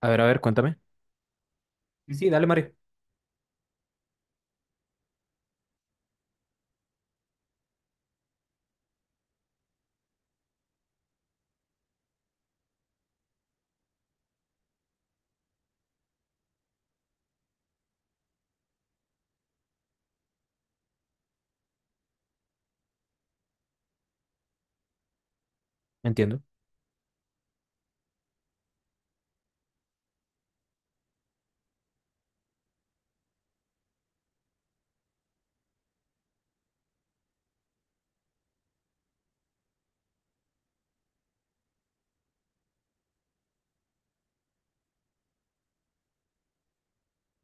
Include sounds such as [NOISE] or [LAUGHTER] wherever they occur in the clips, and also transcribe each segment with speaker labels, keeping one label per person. Speaker 1: A ver, cuéntame. Sí, sí, dale, Mario. Entiendo.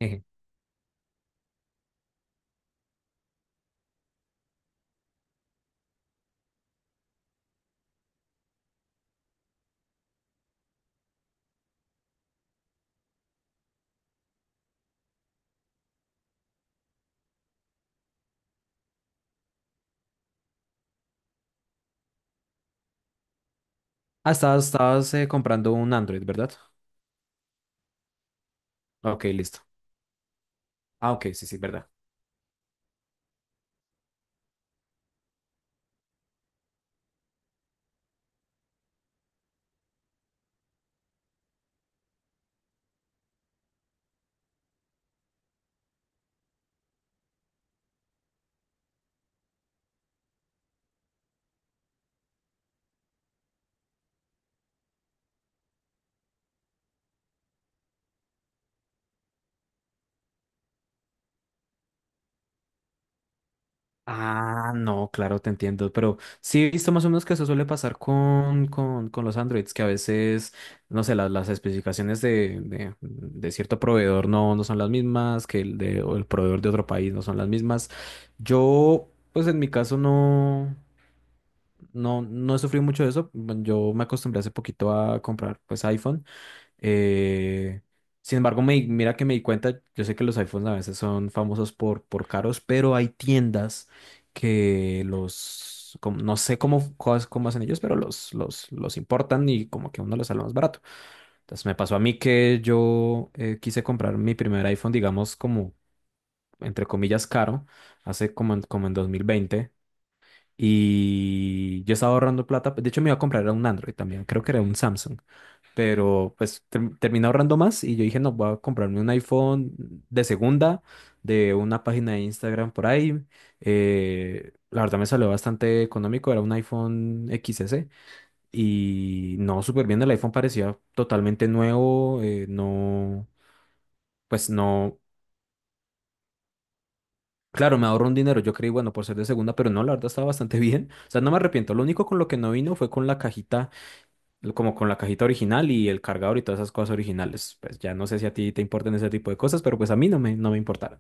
Speaker 1: Eje. Ah, estabas, estabas comprando un Android, ¿verdad? Ok, listo. Ah, ok, sí, sí, verdad. Ah, no, claro, te entiendo, pero sí he visto más o menos que eso suele pasar con los Androids, que a veces, no sé, las especificaciones de cierto proveedor no son las mismas, que el de, o el proveedor de otro país no son las mismas. Yo, pues en mi caso no he sufrido mucho de eso. Bueno, yo me acostumbré hace poquito a comprar, pues, iPhone. Eh, Sin embargo, mira que me di cuenta, yo sé que los iPhones a veces son famosos por caros, pero hay tiendas que los, como no sé cómo, cómo hacen ellos, pero los importan y como que a uno los sale más barato. Entonces me pasó a mí que yo quise comprar mi primer iPhone, digamos, como entre comillas caro, hace como en 2020. Y yo estaba ahorrando plata. De hecho, me iba a comprar era un Android también. Creo que era un Samsung. Pero pues terminé ahorrando más y yo dije, no, voy a comprarme un iPhone de segunda, de una página de Instagram por ahí. La verdad me salió bastante económico, era un iPhone XS y no, súper bien, el iPhone parecía totalmente nuevo, no, pues no, claro, me ahorro un dinero, yo creí, bueno, por ser de segunda, pero no, la verdad estaba bastante [LAUGHS] bien. O sea, no me arrepiento, lo único con lo que no vino fue con la cajita como con la cajita original y el cargador y todas esas cosas originales. Pues ya no sé si a ti te importan ese tipo de cosas, pero pues a mí no me importaron.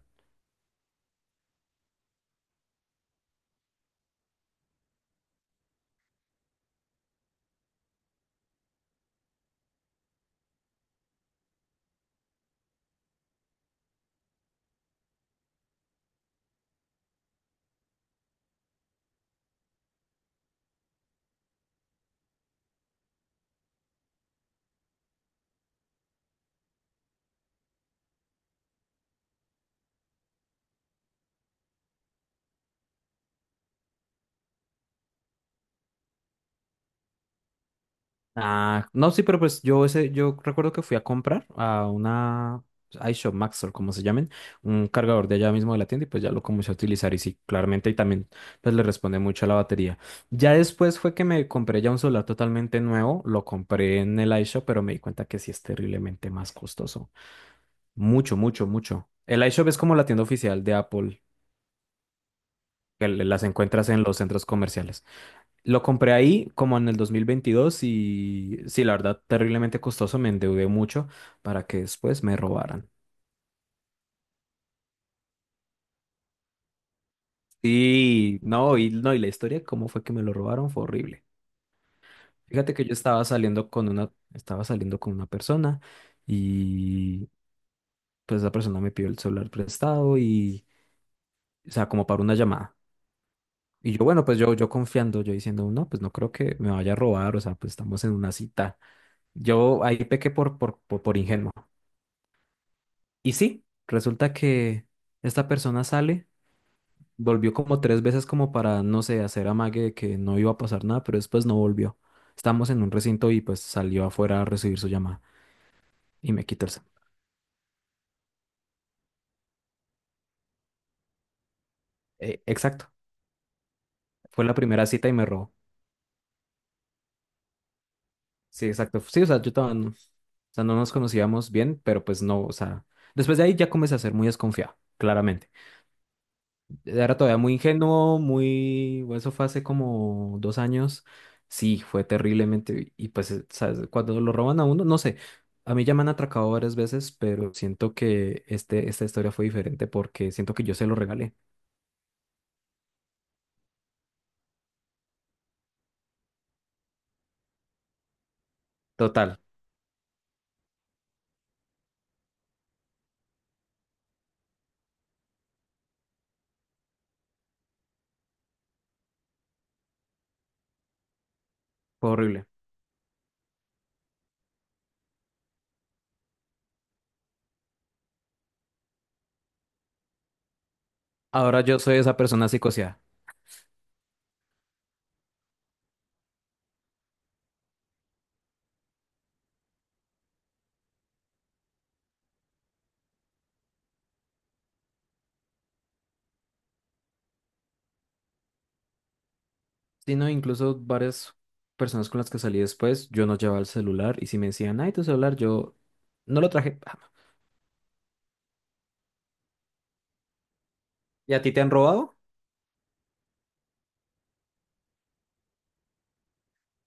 Speaker 1: Ah, no, sí, pero pues yo ese, yo recuerdo que fui a comprar a una pues, iShop Max o como se llamen, un cargador de allá mismo de la tienda y pues ya lo comencé a utilizar y sí, claramente y también pues le responde mucho a la batería. Ya después fue que me compré ya un celular totalmente nuevo, lo compré en el iShop, pero me di cuenta que sí es terriblemente más costoso. Mucho, mucho, mucho. El iShop es como la tienda oficial de Apple que las encuentras en los centros comerciales. Lo compré ahí como en el 2022 y sí, la verdad, terriblemente costoso, me endeudé mucho para que después me robaran. Y no, y no, Y la historia, cómo fue que me lo robaron, fue horrible. Fíjate que yo estaba saliendo estaba saliendo con una persona y pues esa persona me pidió el celular prestado y, o sea, como para una llamada. Y yo, bueno, yo confiando, yo diciendo, no, pues no creo que me vaya a robar, o sea, pues estamos en una cita. Yo ahí pequé por ingenuo. Y sí, resulta que esta persona sale, volvió como tres veces como para, no sé, hacer amague de que no iba a pasar nada, pero después no volvió. Estábamos en un recinto y pues salió afuera a recibir su llamada y me quitó el cel. Exacto, fue la primera cita y me robó. Sí, exacto. Sí, o sea, yo estaba, o sea, no nos conocíamos bien, pero pues no, o sea, después de ahí ya comencé a ser muy desconfiado, claramente. Era todavía muy ingenuo, muy... bueno, eso fue hace como dos años. Sí, fue terriblemente... Y pues, ¿sabes? Cuando lo roban a uno, no sé. A mí ya me han atracado varias veces, pero siento que esta historia fue diferente porque siento que yo se lo regalé. Total, fue horrible. Ahora yo soy esa persona psicoseada. Sí, no, incluso varias personas con las que salí después, yo no llevaba el celular y si me decían, ay, tu celular, yo no lo traje. Ah, ¿y a ti te han robado?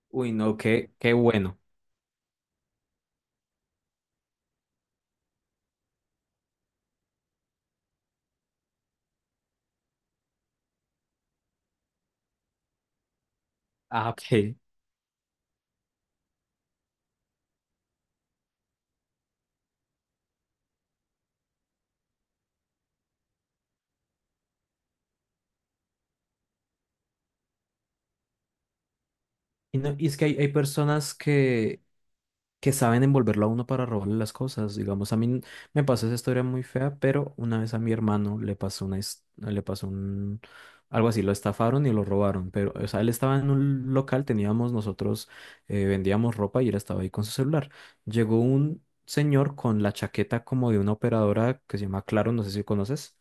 Speaker 1: Uy, no, qué, qué bueno. Ah, ok. Y, y es que hay personas que saben envolverlo a uno para robarle las cosas. Digamos, a mí me pasó esa historia muy fea, pero una vez a mi hermano le pasó le pasó algo así, lo estafaron y lo robaron. Pero, o sea, él estaba en un local, teníamos nosotros, vendíamos ropa y él estaba ahí con su celular. Llegó un señor con la chaqueta como de una operadora que se llama Claro, no sé si conoces.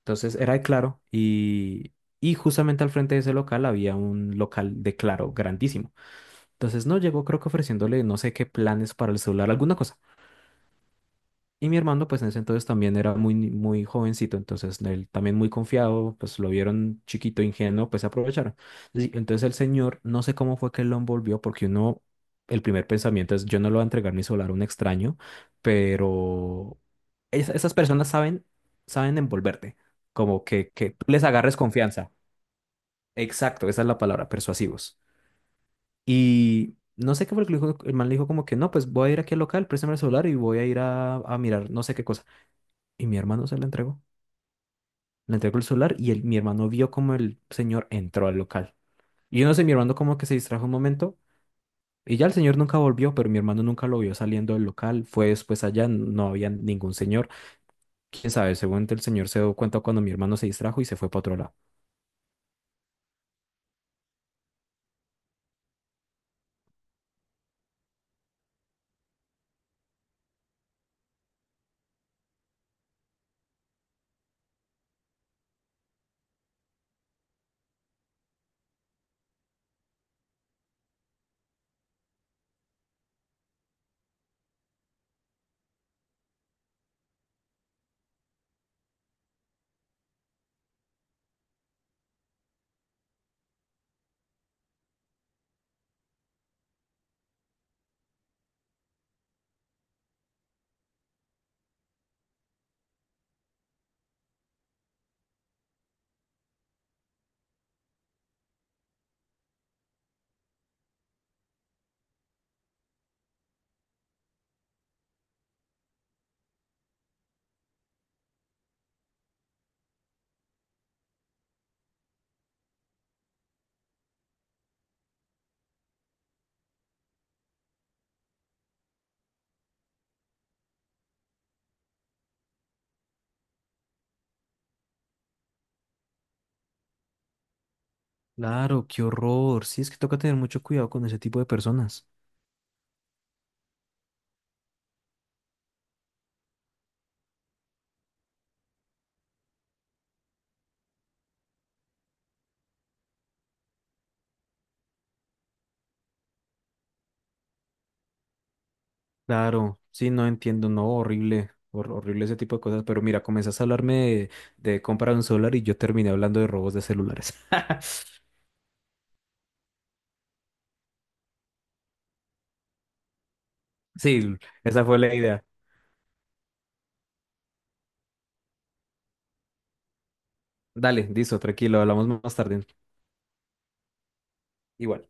Speaker 1: Entonces era de Claro y justamente al frente de ese local había un local de Claro grandísimo. Entonces no llegó, creo que ofreciéndole no sé qué planes para el celular, alguna cosa. Y mi hermano, pues en ese entonces también era muy, muy jovencito, entonces él también muy confiado, pues lo vieron chiquito, ingenuo, pues aprovecharon. Sí, entonces el señor, no sé cómo fue que lo envolvió, porque uno, el primer pensamiento es, yo no lo voy a entregar mi celular a un extraño, pero esas personas saben, saben envolverte, como que tú les agarres confianza. Exacto, esa es la palabra, persuasivos. Y no sé qué fue lo que le dijo, el man le dijo como que no, pues voy a ir aquí al local, préstame el celular y voy a ir a mirar no sé qué cosa. Y mi hermano se la entregó. Le entregó el celular y mi hermano vio como el señor entró al local. Y yo no sé, mi hermano como que se distrajo un momento y ya el señor nunca volvió, pero mi hermano nunca lo vio saliendo del local. Fue después allá, no había ningún señor. Quién sabe, seguramente el señor se dio cuenta cuando mi hermano se distrajo y se fue para otro lado. Claro, qué horror. Sí, es que toca tener mucho cuidado con ese tipo de personas. Claro, sí, no entiendo, no, horrible, horrible ese tipo de cosas, pero mira, comenzaste a hablarme de comprar un solar y yo terminé hablando de robos de celulares. [LAUGHS] Sí, esa fue la idea. Dale, listo, tranquilo, hablamos más tarde. Igual.